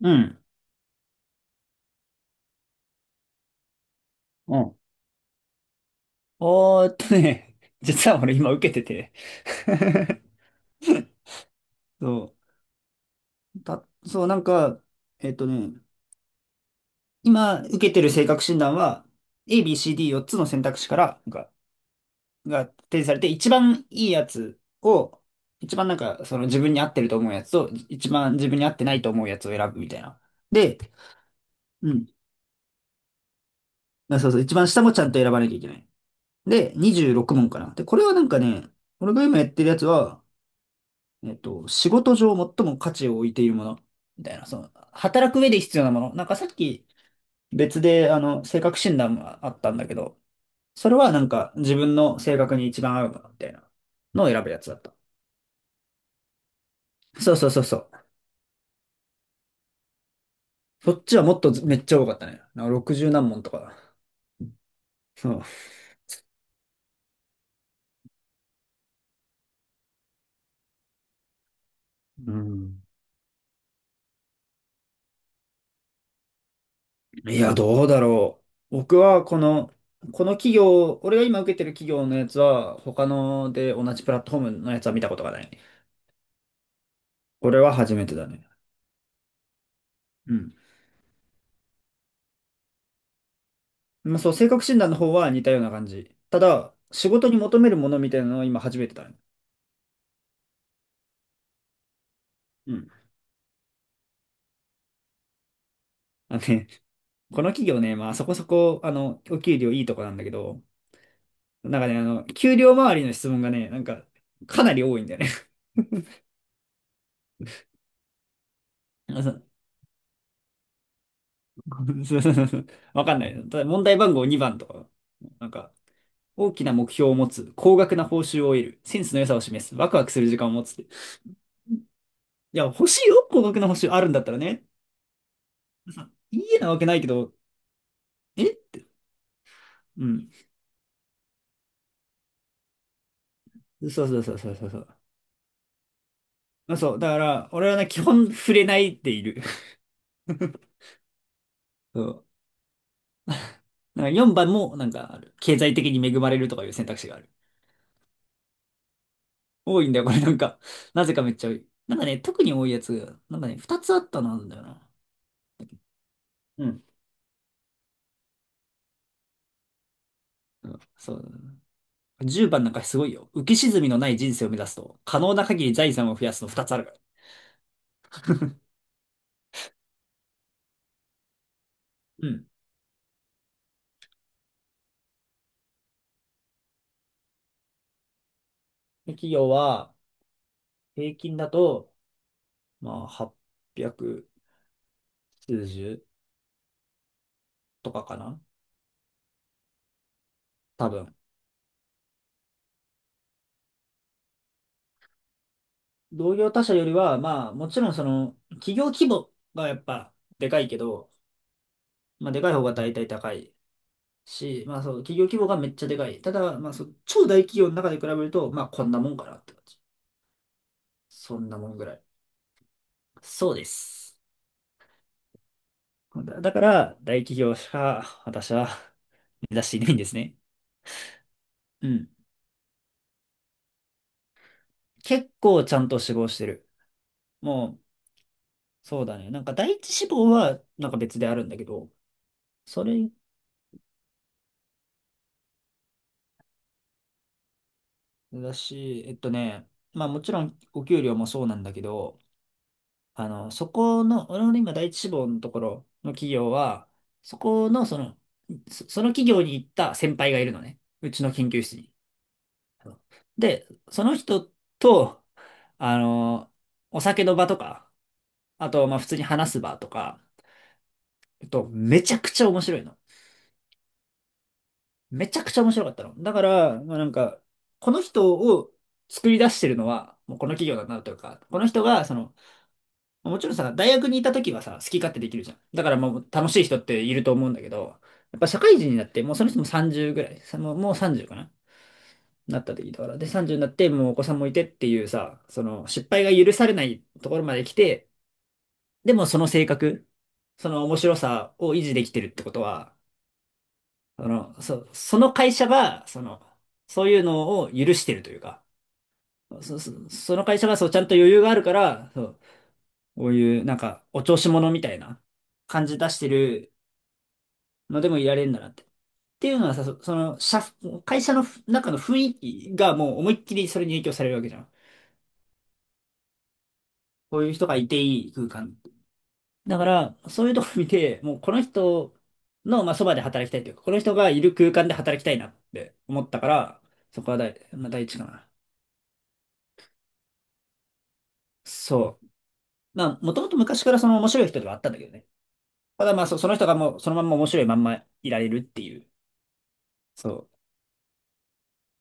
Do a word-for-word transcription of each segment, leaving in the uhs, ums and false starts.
うん。うん。おーっとね、実は俺今受けてて。 そう、た、そう、なんか、えっとね、今受けてる性格診断は、A、B、C、ディーよっ つの選択肢から、なんか、が提示されて、一番いいやつを、一番なんか、その自分に合ってると思うやつと、一番自分に合ってないと思うやつを選ぶみたいな。で、うん。あ、そうそう、一番下もちゃんと選ばなきゃいけない。で、にじゅうろく問かな。で、これはなんかね、俺が今やってるやつは、えっと、仕事上最も価値を置いているもの、みたいな、その、働く上で必要なもの。なんかさっき別で、あの、性格診断があったんだけど、それはなんか自分の性格に一番合うもの、みたいなのを選ぶやつだった。そうそうそうそう。そっちはもっとめっちゃ多かったね。なんかろくじゅう何問とか。そう、うん。いや、どうだろう。僕はこの、この企業、俺が今受けてる企業のやつは、他ので同じプラットフォームのやつは見たことがない。これは初めてだね。うん。まあ、そう、性格診断の方は似たような感じ。ただ、仕事に求めるものみたいなのを今初めてだね。うん。あのね、この企業ね、まあそこそこ、あの、お給料いいとこなんだけど、なんかね、あの、給料周りの質問がね、なんか、かなり多いんだよね。あ、そう。 そうそうそうそう。 わかんない。ただ問題番号にばんとか、なんか、大きな目標を持つ、高額な報酬を得る、センスの良さを示す、ワクワクする時間を持つって。いや、欲しいよ、高額な報酬あるんだったらね。いいえなわけないけど、えうん。そうそうそうそうそうそう。あ、そう。だから、俺はね、基本触れないでいる。そう。なんかよんばんも、なんかある、経済的に恵まれるとかいう選択肢がある。多いんだよ、これなんか。なぜかめっちゃ多い。なんかね、特に多いやつ、なんかね、ふたつあったのなんだよな。うん。うん、そう。じゅうばんなんかすごいよ。浮き沈みのない人生を目指すと、可能な限り財産を増やすのふたつあるから。うん。で企業は、平均だと、まあ、はっぴゃく数十とかかな。多分。同業他社よりは、まあ、もちろんその、企業規模がやっぱでかいけど、まあ、でかい方が大体高いし、まあそう、企業規模がめっちゃでかい。ただ、まあそう、超大企業の中で比べると、まあこんなもんかなって感じ。そんなもんぐらい。そうです。だだから、大企業しか私は目指していないんですね。うん。結構ちゃんと志望してる。もう、そうだね。なんか第一志望はなんか別であるんだけど、それだし、えっとね、まあもちろんお給料もそうなんだけど、あの、そこの、俺のね今第一志望のところの企業は、そこのその、そその企業に行った先輩がいるのね。うちの研究室に。あので、その人と、あの、お酒の場とか、あと、まあ普通に話す場とか、えっと、めちゃくちゃ面白いの。めちゃくちゃ面白かったの。だから、まあなんか、この人を作り出してるのは、もうこの企業だなというか、この人が、その、もちろんさ、大学にいた時はさ、好き勝手できるじゃん。だからもう楽しい人っていると思うんだけど、やっぱ社会人になって、もうその人もさんじゅうぐらい、さ、もうもうさんじゅうかな、なった時だから。で、さんじゅうになって、もうお子さんもいてっていうさ、その失敗が許されないところまで来て、でもその性格、その面白さを維持できてるってことは、その、そ、その会社が、その、そういうのを許してるというか、そ、そ、その会社がそうちゃんと余裕があるから、そう、こういうなんかお調子者みたいな感じ出してるのでもいられるんだなって。っていうのはさ、そその、社、会社のふ中の雰囲気がもう思いっきりそれに影響されるわけじゃん。こういう人がいていい空間。だから、そういうとこ見て、もうこの人の、まあ、そばで働きたいというか、この人がいる空間で働きたいなって思ったから、そこは第、まあ、第一かな。そう。まあ、もともと昔からその面白い人ではあったんだけどね。ただまあ、そ、その人がもうそのまんま面白いまんまいられるっていう。そう。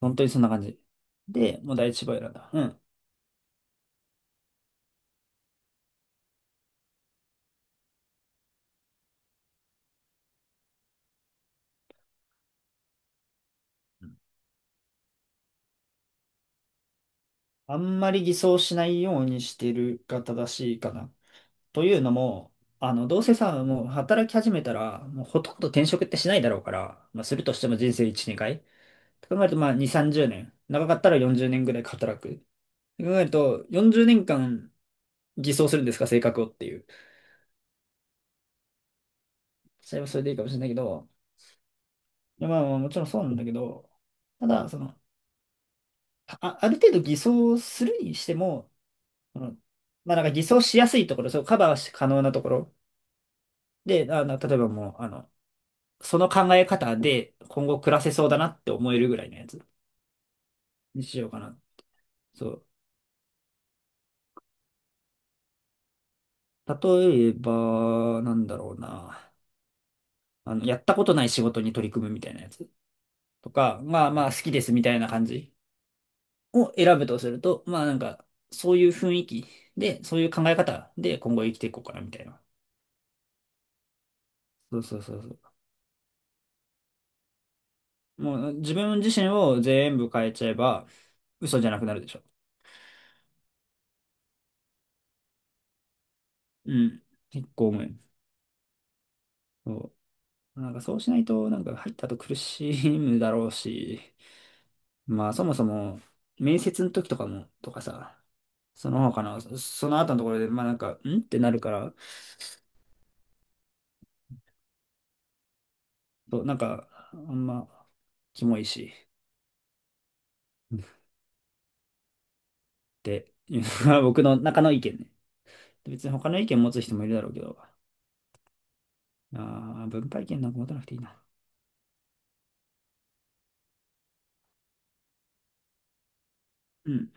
本当にそんな感じ。で、もう第一番選んだ。うん。あんまり偽装しないようにしてるが正しいかな。というのも、あの、どうせさ、もう働き始めたら、もうほとんど転職ってしないだろうから、まあ、するとしても人生いち、年回。と考えると、まあ、に、さんじゅうねん。長かったらよんじゅうねんぐらい働く。と考えると、よんじゅうねんかん偽装するんですか、性格をっていう。それはそれでいいかもしれないけど、いやまあ、まあもちろんそうなんだけど、ただ、その、あ、ある程度偽装するにしても、その、まあ、なんか偽装しやすいところ、そう、カバーし可能なところ。で、あの、例えばもう、あの、その考え方で今後暮らせそうだなって思えるぐらいのやつにしようかな。そう。例えば、なんだろうな。あの、やったことない仕事に取り組むみたいなやつとか、まあまあ好きですみたいな感じを選ぶとすると、まあなんか、そういう雰囲気で、そういう考え方で今後生きていこうかなみたいな。そうそうそうそう。もう自分自身を全部変えちゃえば嘘じゃなくなるでしょ。うん。結構思う。なんかそうしないと、なんか入った後苦しむだろうし、まあそもそも、面接の時とかも、とかさ、その他の、そその後のところで、まあなんか、んってなるから、そう、なんか、あんま、キモいし、っていうのが僕の中の意見ね。別に他の意見持つ人もいるだろうけど、あー分配権なんか持たなくていいな。うん。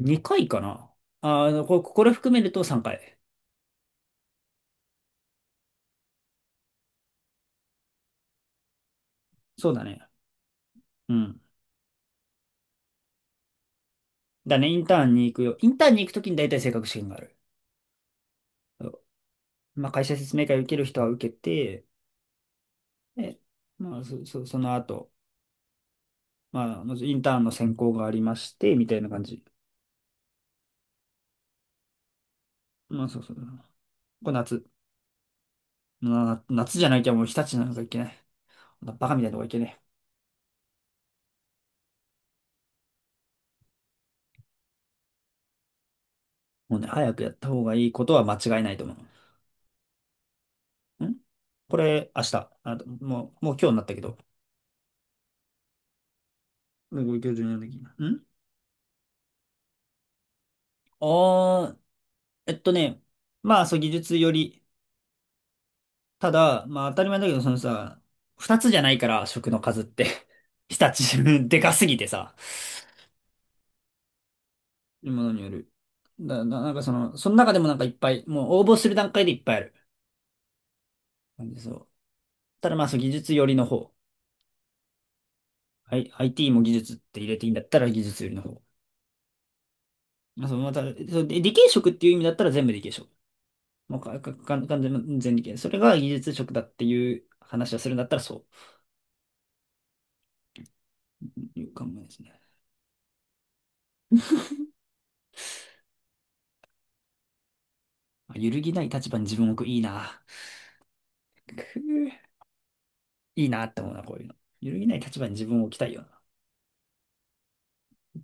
にかいかな。あーこ、これ含めるとさんかい。そうだね。うん。だね、インターンに行くよ。インターンに行くときに大体性格試験がある。まあ、会社説明会受ける人は受けて、で、まあ、そ、そ、その後、まあ、まずインターンの選考がありまして、みたいな感じ。まあ、そうそう。これ夏。な、夏じゃなきゃもう日立なんかいけない。こんなバカみたいなとこ行けない。もうね、早くやった方がいいことは間違いないと思う。んこれ、明日。あ、もう、もう今日になったけど。ご教授になるん。んああー、えっとね、まあ、そう、技術より、ただ、まあ当たり前だけど、そのさ、二つじゃないから、食の数って。日立、でかすぎてさ、ものによる。だ、な、なんかその、その中でもなんかいっぱい、もう応募する段階でいっぱいある。なんでそう。ただまあそう、技術寄りの方。はい、アイティー も技術って入れていいんだったら技術寄りの方。まあそう、また、そうで理系職っていう意味だったら全部理系職。もうか、か、か、完全全理系。それが技術職だっていう話をするんだったらそういう考えですね。まあ揺るぎない立場に自分を置く。いいな。くぅいいなって思うな、こういうの。揺るぎない立場に自分を置きたいよ